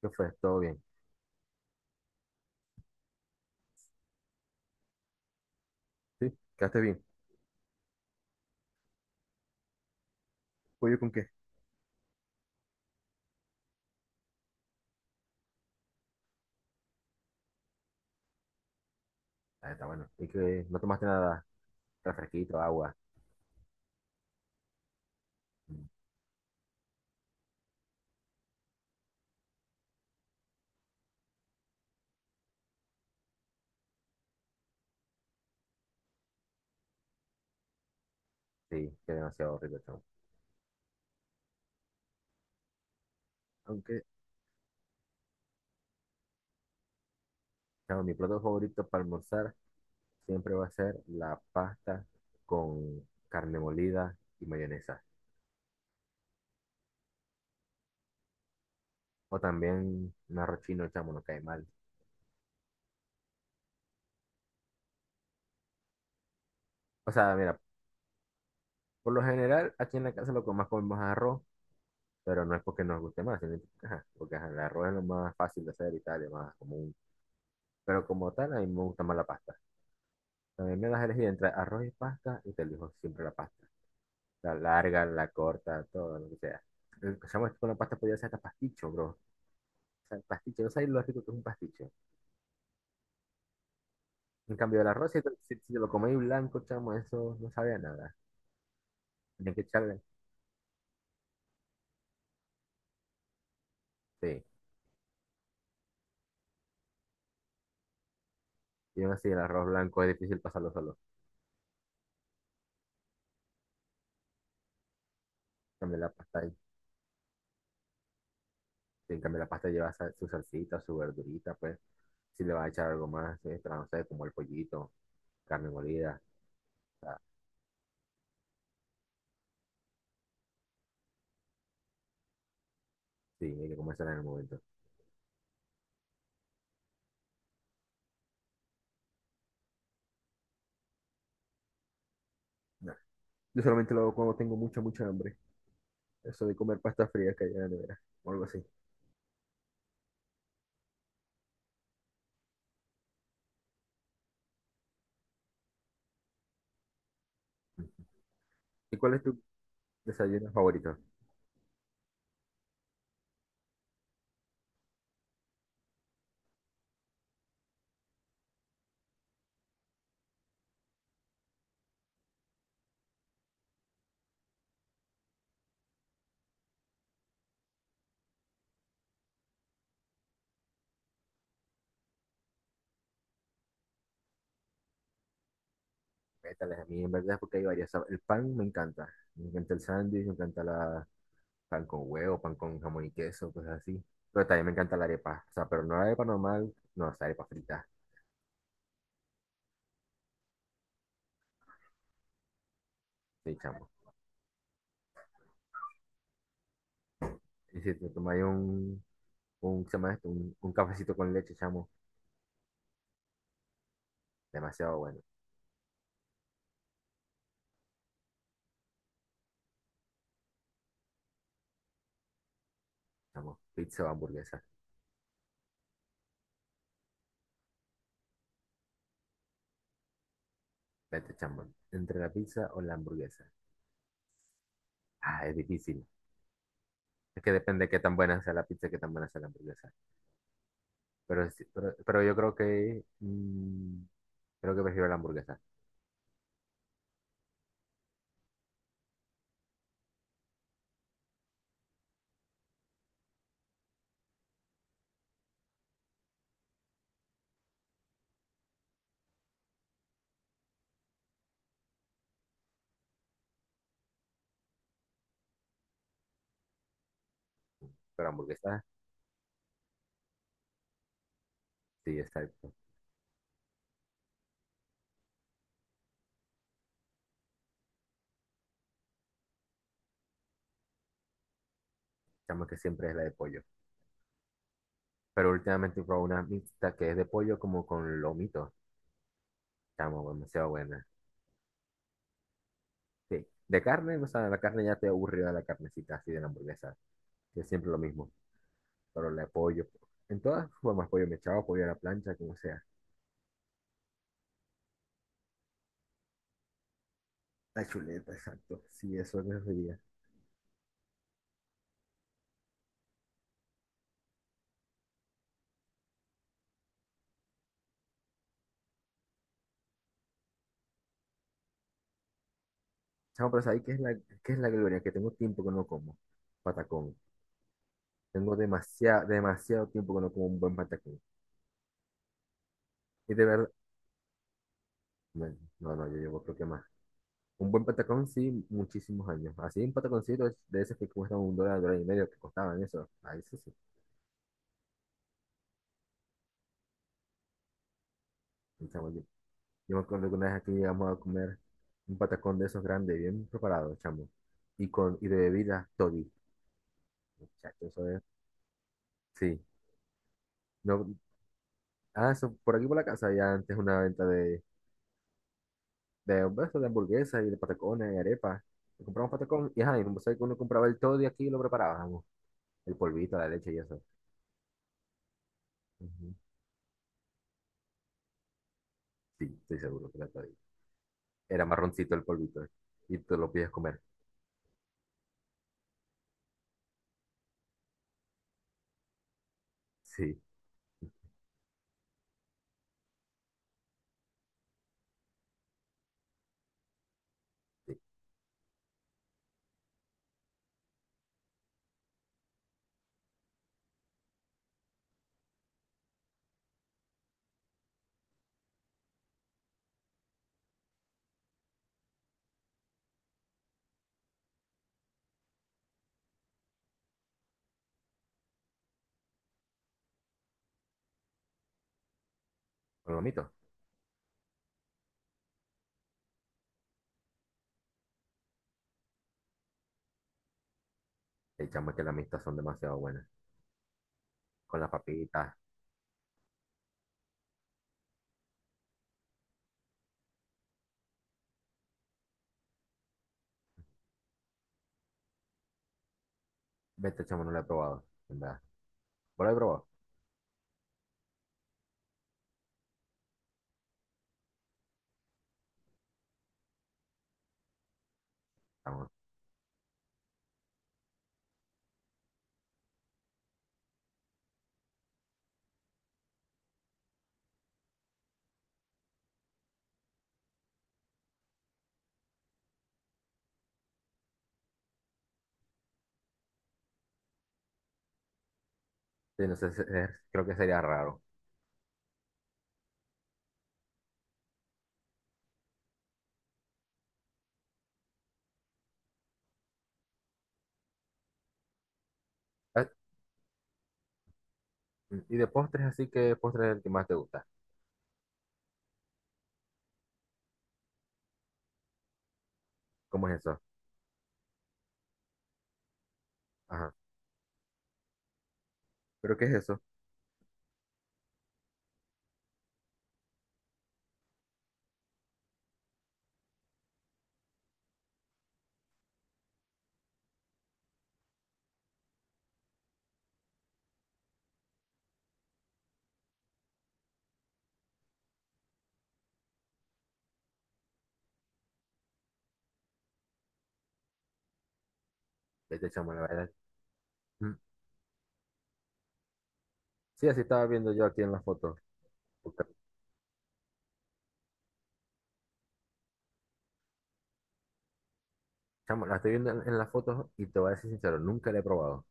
¿Qué fue? ¿Todo bien? ¿Sí? ¿Quedaste bien? ¿Pollo con qué? Ah, está bueno. ¿Y que no tomaste nada? ¿Refresquito, agua? Mm, sí, qué demasiado rico, chamo. Aunque, chamo, mi plato favorito para almorzar siempre va a ser la pasta con carne molida y mayonesa. O también un arroz chino, chamo, no cae mal. O sea, mira, por lo general aquí en la casa lo que más comemos es arroz, pero no es porque nos guste más, sino que, ajá, porque ajá, el arroz es lo más fácil de hacer y tal, es más común. Pero como tal, a mí me gusta más la pasta. También me das a elegir entre arroz y pasta y te elijo siempre la pasta. La larga, la corta, todo lo que sea. Empezamos con la pasta, podía ser hasta pasticho, bro. O sea, el pasticho, no sabes lo rico que es un pasticho. En cambio, el arroz, si te lo coméis blanco, chamo, eso no sabe a nada. Tienes que echarle, sí. Y aún así, el arroz blanco es difícil pasarlo solo. En cambio, la pasta, en cambio, la pasta lleva su salsita, su verdurita, pues. Si le vas a echar algo más, extra, no sé, como el pollito, carne molida. O sea, sí, hay que comérsela en el momento. No. Yo solamente lo hago cuando tengo mucha, mucha hambre. Eso de comer pasta fría que hay en la nevera, o algo así. ¿Y cuál es tu desayuno favorito? Vétales, a mí en verdad es porque hay varias. El pan me encanta. Me encanta el sándwich, me encanta la pan con huevo, pan con jamón y queso, cosas así. Pero también me encanta la arepa. O sea, pero no la arepa normal, no, es arepa frita. Sí, chamo. Y si te tomas un, ¿qué se llama esto? Un cafecito con leche, chamo, demasiado bueno. Chamo, pizza o hamburguesa. Vete, chamo. Entre la pizza o la hamburguesa. Ah, es difícil. Es que depende de qué tan buena sea la pizza y qué tan buena sea la hamburguesa. Pero yo creo que creo que prefiero la hamburguesa. Pero hamburguesa, sí, exacto. Chamo que siempre es la de pollo. Pero últimamente probé una mixta que es de pollo como con lomito. Chamo, demasiado buena. Sí. De carne, o sea, la carne ya te aburrió de la carnecita así de la hamburguesa. Que es siempre lo mismo. Pero la de pollo. En todas formas, pollo mechado, pollo a la plancha, como sea. La chuleta, exacto. Sí, eso es lo que sería. Chamo, pero ¿sabes qué es la gloria? Que tengo tiempo que no como. Patacón. Tengo demasiado, demasiado tiempo que no como un buen patacón. Y de verdad, bueno, no, no, yo llevo creo que más. Un buen patacón, sí, muchísimos años. Así un pataconcito de esos que cuestan $1, $1.50, que costaban eso. Ahí eso sí. Un chamo, Yo me acuerdo que una vez aquí llegamos a comer un patacón de esos grandes, bien preparado, chamo. Y con, y de bebida, toddy. Muchachos, eso es. Sí. No, ah, eso, por aquí por la casa había antes una venta de, pues, de hamburguesas y de patacones y arepas. Y compramos patacón y ajá, y no sé que uno compraba el toddy aquí y lo preparábamos. El polvito, la leche y eso. Ujú. Sí, estoy seguro que era toddy. Era marroncito el polvito. Y te lo pides comer. Sí, sí. Con lo mito. El chamo es que las mistas son demasiado buenas. Con las papitas. Vete, chamo, no lo he probado. En verdad. ¿Vos lo he probado? Chamo. Sí, no sé, se- es- creo que sería raro. Ah, y de postres, así que postres es el que más te gusta. ¿Cómo es eso? Ajá. ¿Pero qué es eso? Vete, chamo, la verdad. Sí, así estaba viendo yo aquí en las fotos. Porque, chamo, la estoy viendo en las fotos y te voy a decir sincero, nunca la he probado.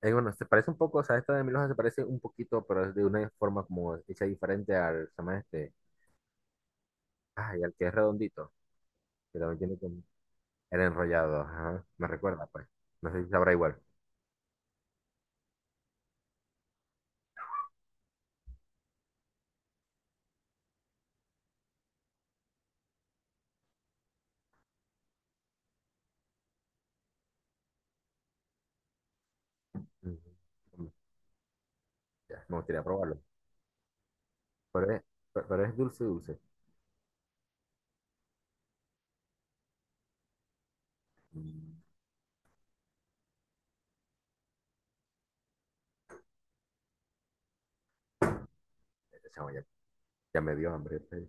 Es bueno, se parece un poco, o sea, esta de Milhoja se parece un poquito, pero es de una forma como hecha diferente al, se llama este, ay, al que es redondito, que también tiene como el enrollado, ajá, me recuerda, pues. No sé si sabrá igual. Ujú. Ya, me gustaría probarlo. Pero es, pero es dulce, dulce. Mm, chamo, ya, ya me dio hambre, pues.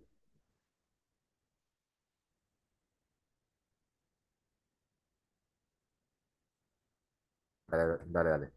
Dale, dale, dale.